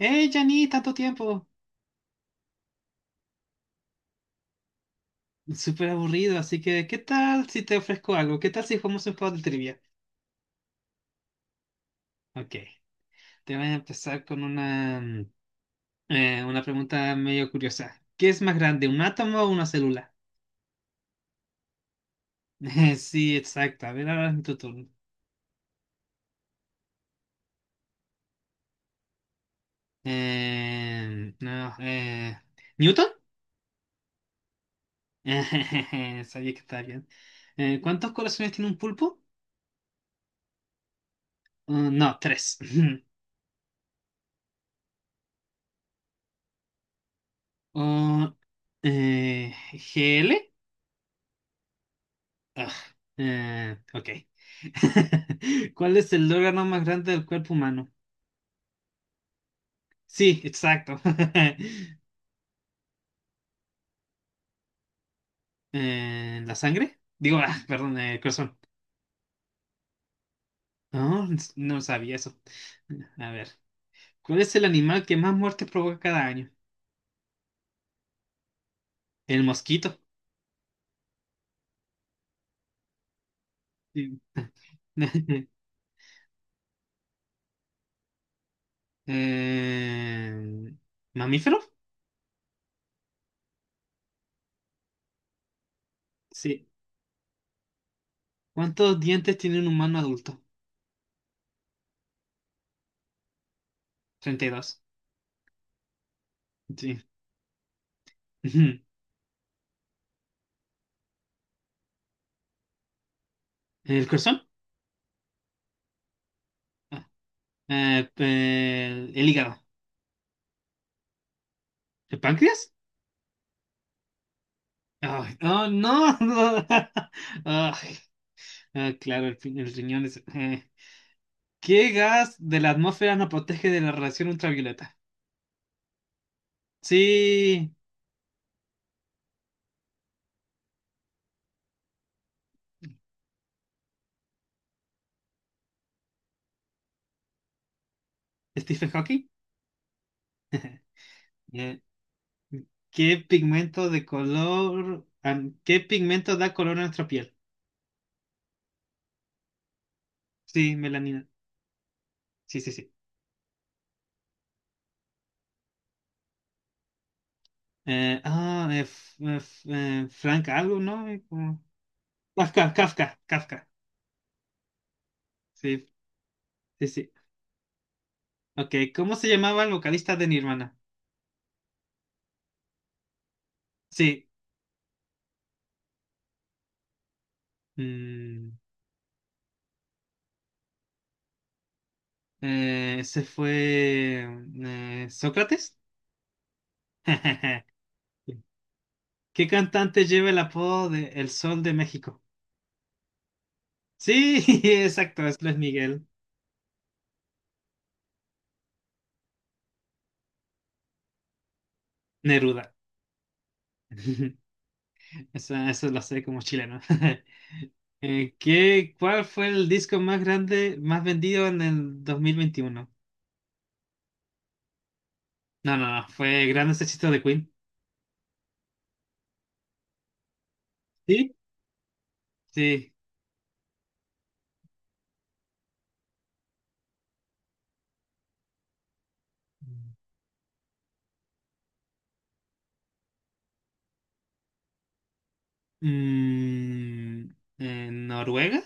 Hey, Jani, tanto tiempo. Súper aburrido, así que ¿qué tal si te ofrezco algo? ¿Qué tal si jugamos un juego de trivia? Ok, te voy a empezar con una, una pregunta medio curiosa. ¿Qué es más grande, un átomo o una célula? Sí, exacto. A ver, ahora es tu turno. No, ¿Newton? Sabía que estaba bien. ¿Cuántos corazones tiene un pulpo? No, tres. Oh, eh, ¿GL? Ah, ok. ¿Cuál es el órgano más grande del cuerpo humano? Sí, exacto. ¿La sangre? Digo, ah, perdón, el corazón. No, no sabía eso. A ver, ¿cuál es el animal que más muertes provoca cada año? El mosquito. Sí. Eh, ¿mamífero? Sí. ¿Cuántos dientes tiene un humano adulto? 32. Sí. ¿El corazón? Ah, el hígado. ¿El páncreas? Ay, oh, no. No. Ay, ah, claro, el riñón es. ¿Qué gas de la atmósfera nos protege de la radiación ultravioleta? Sí. Stephen Hawking. Eh, ¿Qué pigmento da color a nuestra piel? Sí, melanina. Sí, sí, sí. Frank algo, ¿no? Kafka, Kafka, Kafka. Sí, sí, sí. Ok, ¿cómo se llamaba el vocalista de Nirvana? Sí. mm, ese fue Sócrates. ¿Qué cantante lleva el apodo de El Sol de México? Sí, exacto, es Luis Miguel. Neruda. Eso lo sé como chileno. ¿Cuál fue el disco más grande, más vendido en el 2021? No, no, no, fue Grandes Éxitos de Queen. ¿Sí? Sí. Mm, ¿en Noruega?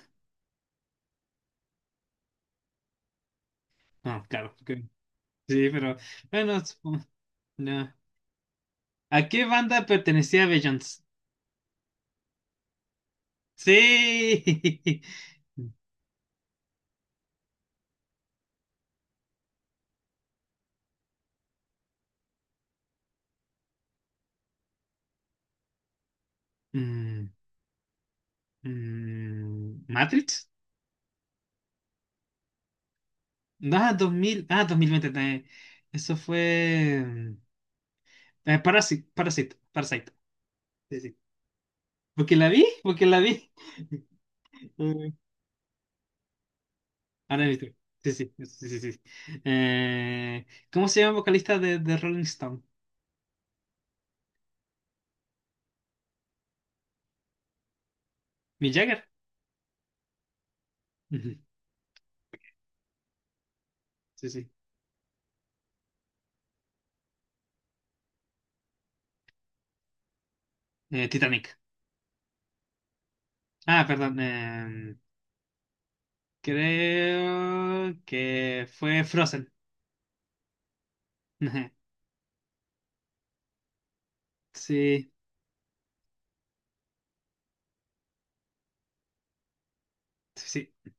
No, claro. Que... sí, pero bueno, supongo... no. ¿A qué banda pertenecía Beyoncé? Sí. Mm, ¿Matrix? No, dos mil veinte. Eso fue mm, Parasite, Parasite, Parasite. Sí, sí. Porque la vi, porque la vi. Eh, Ahora he visto. Sí, sí, sí, sí, sí, sí. Eh, ¿Cómo se llama el vocalista de, Rolling Stone? ¿Mick Jagger? Ujú, sí, sí. Titanic. Ah, perdón. Creo que fue Frozen. Ujú, sí, sí, sí.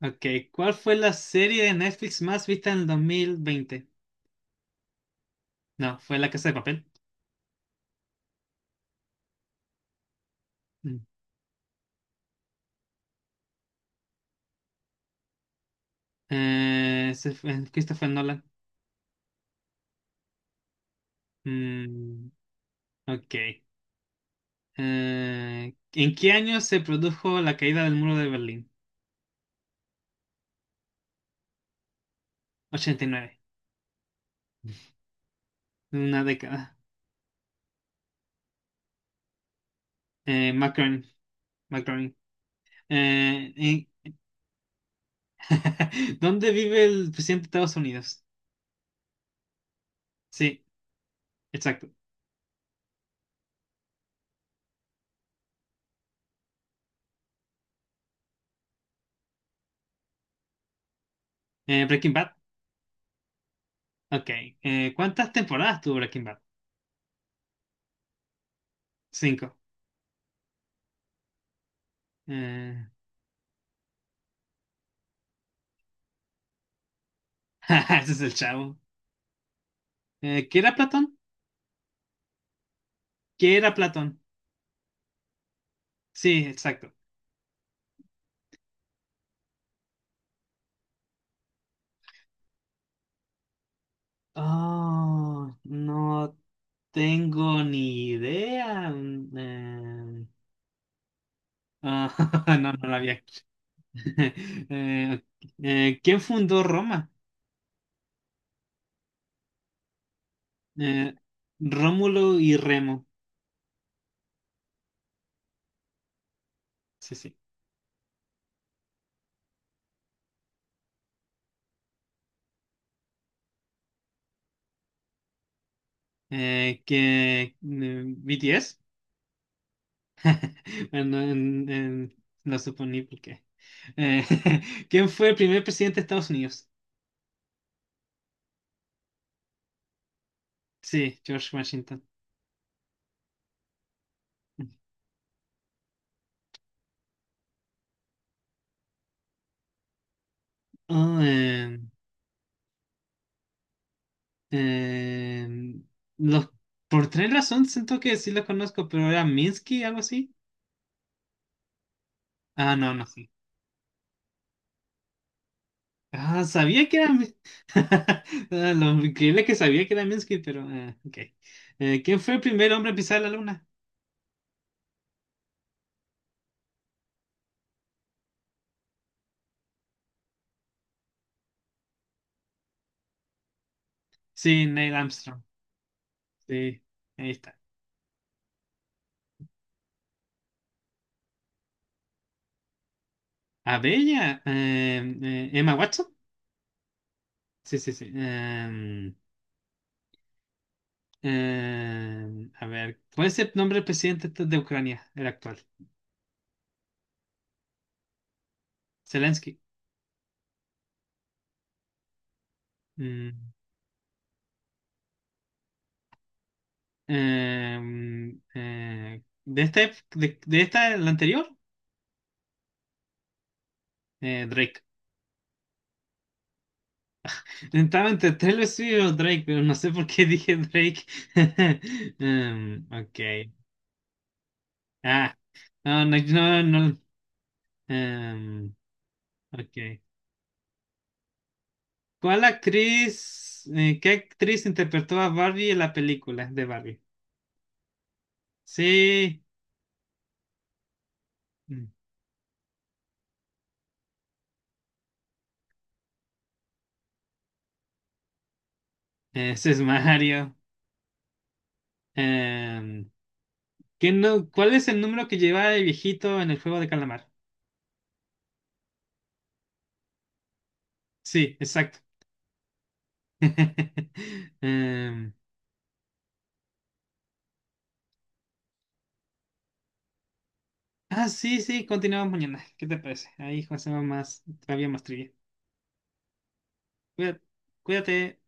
Ok, ¿cuál fue la serie de Netflix más vista en el 2020? No, fue La Casa de Papel. Mm. Ese fue Christopher Nolan. Mm, ok. ¿En qué año se produjo la caída del muro de Berlín? Ochenta y nueve. Una década. Macron. Macron. Eh, ¿Dónde vive el presidente de Estados Unidos? Sí, exacto. Breaking Bad. Ok. ¿Cuántas temporadas tuvo Breaking Bad? Cinco. Eh, ese es el chavo. ¿Qué era Platón? ¿Qué era Platón? Sí, exacto. Oh, no tengo ni idea. Ah, no, no la había escuchado. Ok. ¿Quién fundó Roma? Eh, Rómulo y Remo. Sí, sí. Que BTS, bueno, lo suponí porque. Eh, ¿quién fue el primer presidente de Estados Unidos? Sí, George Washington. Oh, eh, los, por tres razones siento que sí los conozco, pero era Minsky, algo así. Ah, no, no, sí. Ah, sabía que era. Mi... Ah, lo increíble que sabía que era Minsky, pero. Ok. ¿Quién fue el primer hombre a pisar la luna? Sí, Neil Armstrong. Sí, ahí está. A Bella, Emma Watson. Sí, sí, sí. A ver, ¿cuál es el nombre del presidente de Ucrania, el actual? Zelensky. Mm, de este, de esta, el anterior, Drake. Estaba entre Taylor Swift o Drake, pero no sé por qué dije Drake. Ok. Ah, no, no, no, no, em, ok. ¿Qué actriz interpretó a Barbie en la película de Barbie? Sí, mm, ese es Mario. Em, ¿qué no, ¿cuál es el número que lleva el viejito en el juego de calamar? Sí, exacto. Em, ah, sí, sí, continuamos mañana. ¿Qué te parece? Ahí hacemos más, todavía más trivia. Cuídate, cuídate.